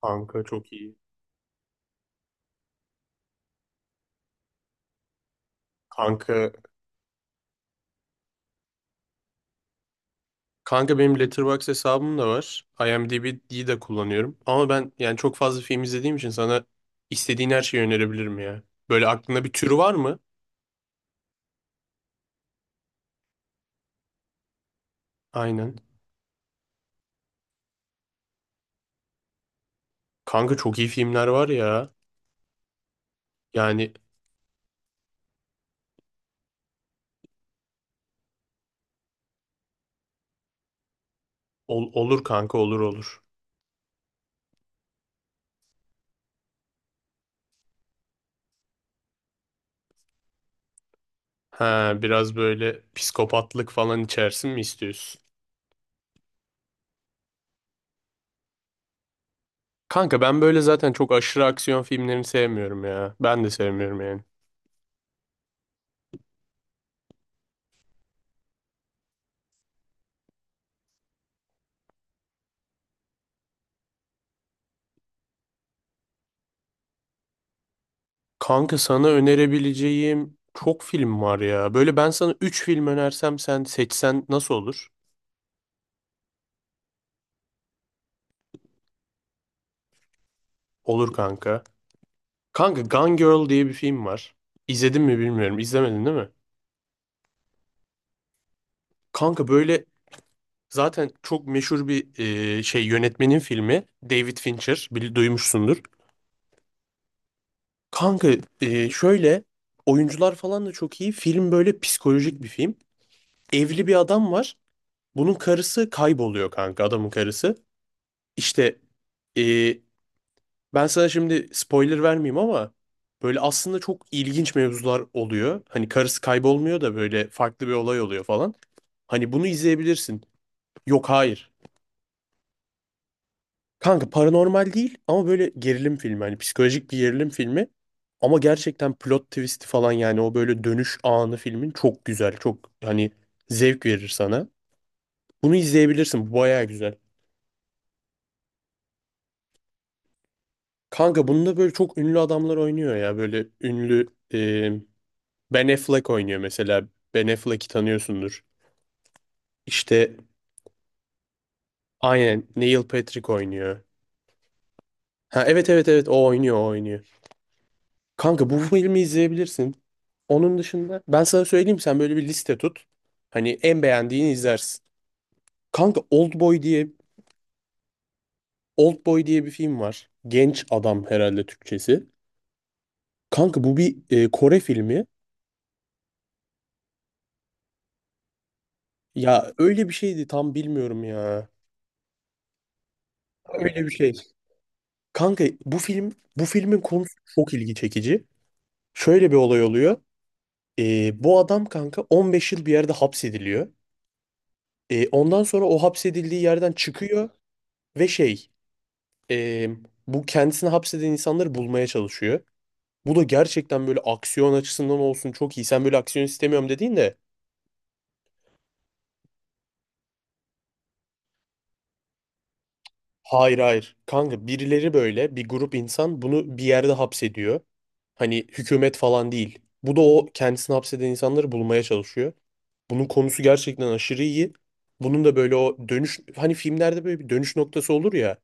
Kanka çok iyi. Kanka kanka benim Letterboxd hesabım da var. IMDb'yi de kullanıyorum. Ama ben yani çok fazla film izlediğim için sana istediğin her şeyi önerebilirim ya. Böyle aklında bir tür var mı? Aynen. Kanka çok iyi filmler var ya. Yani olur kanka, olur olur. Ha, biraz böyle psikopatlık falan içersin mi istiyorsun? Kanka ben böyle zaten çok aşırı aksiyon filmlerini sevmiyorum ya. Ben de sevmiyorum yani. Kanka sana önerebileceğim çok film var ya. Böyle ben sana 3 film önersem sen seçsen nasıl olur? Olur kanka. Kanka Gone Girl diye bir film var. İzledin mi bilmiyorum. İzlemedin değil mi? Kanka böyle zaten çok meşhur bir yönetmenin filmi. David Fincher. Duymuşsundur. Kanka şöyle, oyuncular falan da çok iyi. Film böyle psikolojik bir film. Evli bir adam var. Bunun karısı kayboluyor kanka, adamın karısı. İşte e, ben sana şimdi spoiler vermeyeyim ama böyle aslında çok ilginç mevzular oluyor. Hani karısı kaybolmuyor da böyle farklı bir olay oluyor falan. Hani bunu izleyebilirsin. Yok, hayır. Kanka paranormal değil ama böyle gerilim filmi. Hani psikolojik bir gerilim filmi. Ama gerçekten plot twist'i falan, yani o böyle dönüş anı filmin çok güzel. Çok hani zevk verir sana. Bunu izleyebilirsin. Bu bayağı güzel. Kanka bunda böyle çok ünlü adamlar oynuyor ya. Böyle ünlü, Ben Affleck oynuyor mesela. Ben Affleck'i tanıyorsundur. İşte aynen, Neil Patrick oynuyor. Ha evet evet evet, o oynuyor o oynuyor. Kanka bu filmi izleyebilirsin. Onun dışında ben sana söyleyeyim, sen böyle bir liste tut. Hani en beğendiğini izlersin. Kanka Oldboy diye bir film var. Genç adam, herhalde Türkçesi. Kanka bu bir Kore filmi. Ya öyle bir şeydi, tam bilmiyorum ya. Öyle bir şey. Kanka bu film, bu filmin konusu çok ilgi çekici. Şöyle bir olay oluyor. Bu adam kanka, 15 yıl bir yerde hapsediliyor. Ondan sonra o hapsedildiği yerden çıkıyor ve e, bu, kendisini hapseden insanları bulmaya çalışıyor. Bu da gerçekten böyle aksiyon açısından olsun çok iyi. Sen böyle aksiyon istemiyorum dediğin de, hayır hayır. Kanka birileri, böyle bir grup insan bunu bir yerde hapsediyor. Hani hükümet falan değil. Bu da o kendisini hapseden insanları bulmaya çalışıyor. Bunun konusu gerçekten aşırı iyi. Bunun da böyle o dönüş, hani filmlerde böyle bir dönüş noktası olur ya.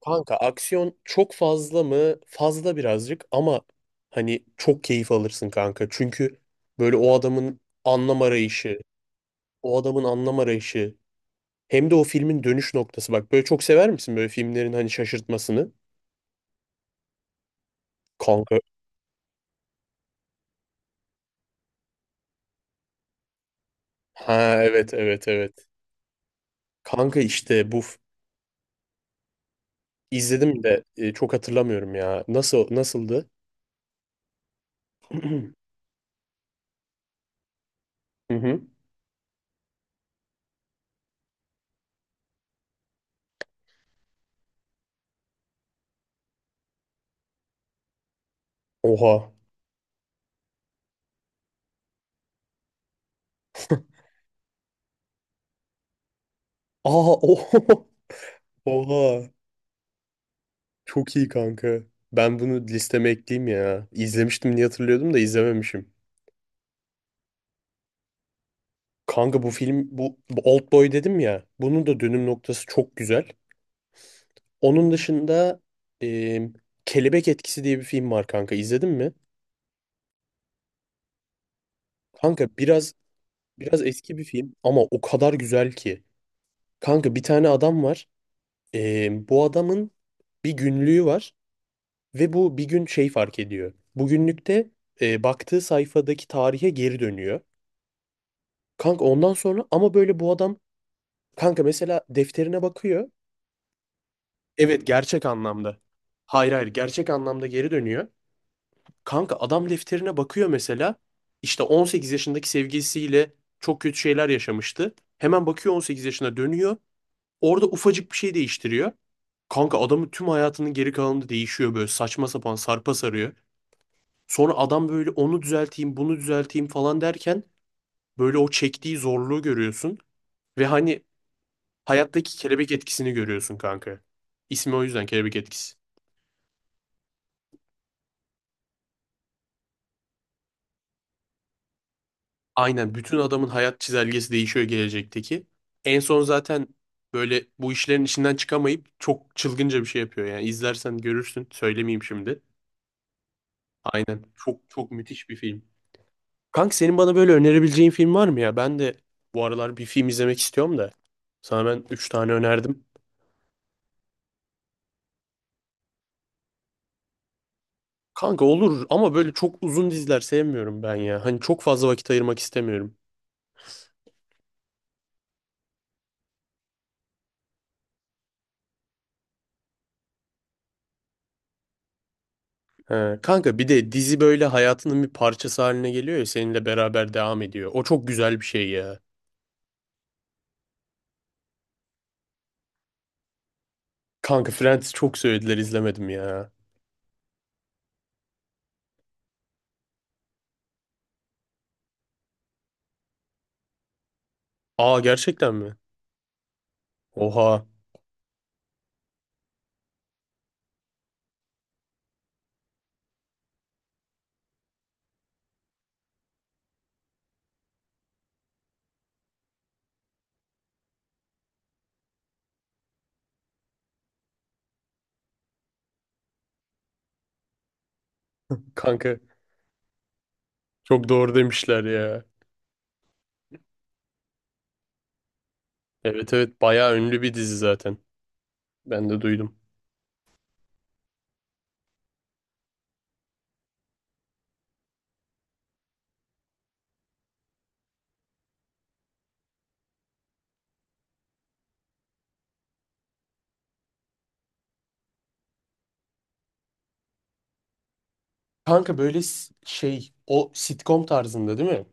Kanka aksiyon çok fazla mı? Fazla birazcık ama hani çok keyif alırsın kanka. Çünkü böyle o adamın anlam arayışı, hem de o filmin dönüş noktası. Bak, böyle çok sever misin böyle filmlerin hani şaşırtmasını? Kanka. Ha evet evet evet. Kanka işte izledim de çok hatırlamıyorum ya. Nasıldı? Hı hı. Oha. Aa oho. Oha. Çok iyi kanka. Ben bunu listeme ekleyeyim ya. İzlemiştim diye hatırlıyordum da izlememişim. Kanka bu Old Boy dedim ya. Bunun da dönüm noktası çok güzel. Onun dışında e, Kelebek Etkisi diye bir film var kanka. İzledin mi? Kanka biraz eski bir film ama o kadar güzel ki. Kanka bir tane adam var. Bu adamın bir günlüğü var. Ve bu bir gün şey fark ediyor. Bugünlükte baktığı sayfadaki tarihe geri dönüyor. Kanka ondan sonra, ama böyle bu adam kanka mesela defterine bakıyor. Evet, gerçek anlamda. Hayır hayır, gerçek anlamda geri dönüyor. Kanka adam defterine bakıyor mesela. İşte 18 yaşındaki sevgilisiyle çok kötü şeyler yaşamıştı. Hemen bakıyor, 18 yaşına dönüyor. Orada ufacık bir şey değiştiriyor. Kanka adamın tüm hayatının geri kalanında değişiyor, böyle saçma sapan sarpa sarıyor. Sonra adam böyle onu düzelteyim, bunu düzelteyim falan derken, böyle o çektiği zorluğu görüyorsun ve hani hayattaki kelebek etkisini görüyorsun kanka. İsmi o yüzden kelebek etkisi. Aynen, bütün adamın hayat çizelgesi değişiyor, gelecekteki. En son zaten böyle bu işlerin içinden çıkamayıp çok çılgınca bir şey yapıyor, yani izlersen görürsün, söylemeyeyim şimdi. Aynen, çok çok müthiş bir film. Kanka senin bana böyle önerebileceğin film var mı ya? Ben de bu aralar bir film izlemek istiyorum da. Sana ben 3 tane önerdim. Kanka olur ama böyle çok uzun diziler sevmiyorum ben ya. Hani çok fazla vakit ayırmak istemiyorum. He, kanka bir de dizi böyle hayatının bir parçası haline geliyor ya, seninle beraber devam ediyor. O çok güzel bir şey ya. Kanka Friends çok söylediler, izlemedim ya. Aa, gerçekten mi? Oha. Kanka çok doğru demişler ya. Evet evet, bayağı ünlü bir dizi zaten. Ben de duydum. Kanka böyle şey, o sitcom tarzında değil mi?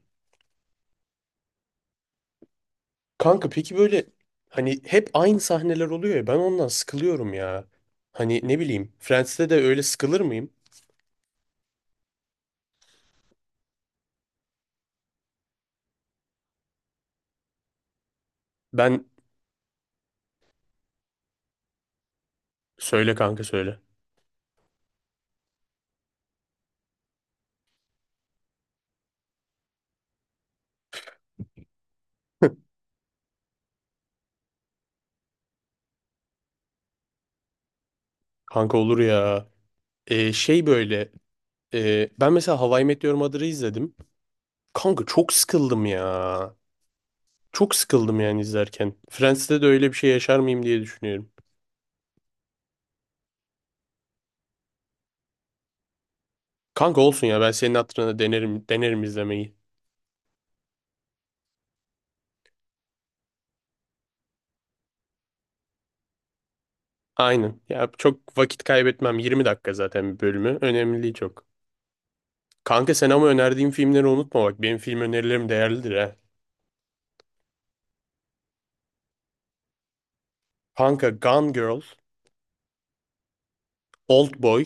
Kanka peki böyle hani hep aynı sahneler oluyor ya, ben ondan sıkılıyorum ya. Hani ne bileyim, Friends'te de öyle sıkılır mıyım? Ben Söyle kanka, söyle. Kanka olur ya. Şey böyle ben mesela How I Met Your Mother'ı izledim. Kanka çok sıkıldım ya. Çok sıkıldım yani izlerken. Friends'te de öyle bir şey yaşar mıyım diye düşünüyorum. Kanka olsun ya, ben senin hatırına denerim, denerim izlemeyi. Aynen. Ya çok vakit kaybetmem. 20 dakika zaten bir bölümü. Önemli değil çok. Kanka sen ama önerdiğim filmleri unutma bak. Benim film önerilerim değerlidir ha. Kanka Gone Girl, Old Boy.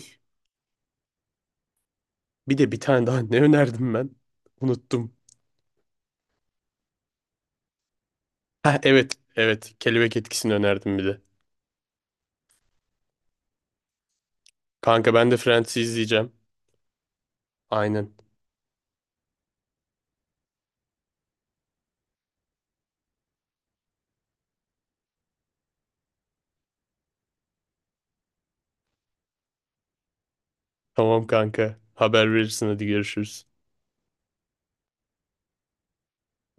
Bir de bir tane daha ne önerdim ben? Unuttum. Ha evet evet. Kelebek etkisini önerdim bir de. Kanka ben de Friends'i izleyeceğim. Aynen. Tamam kanka. Haber verirsin, hadi görüşürüz.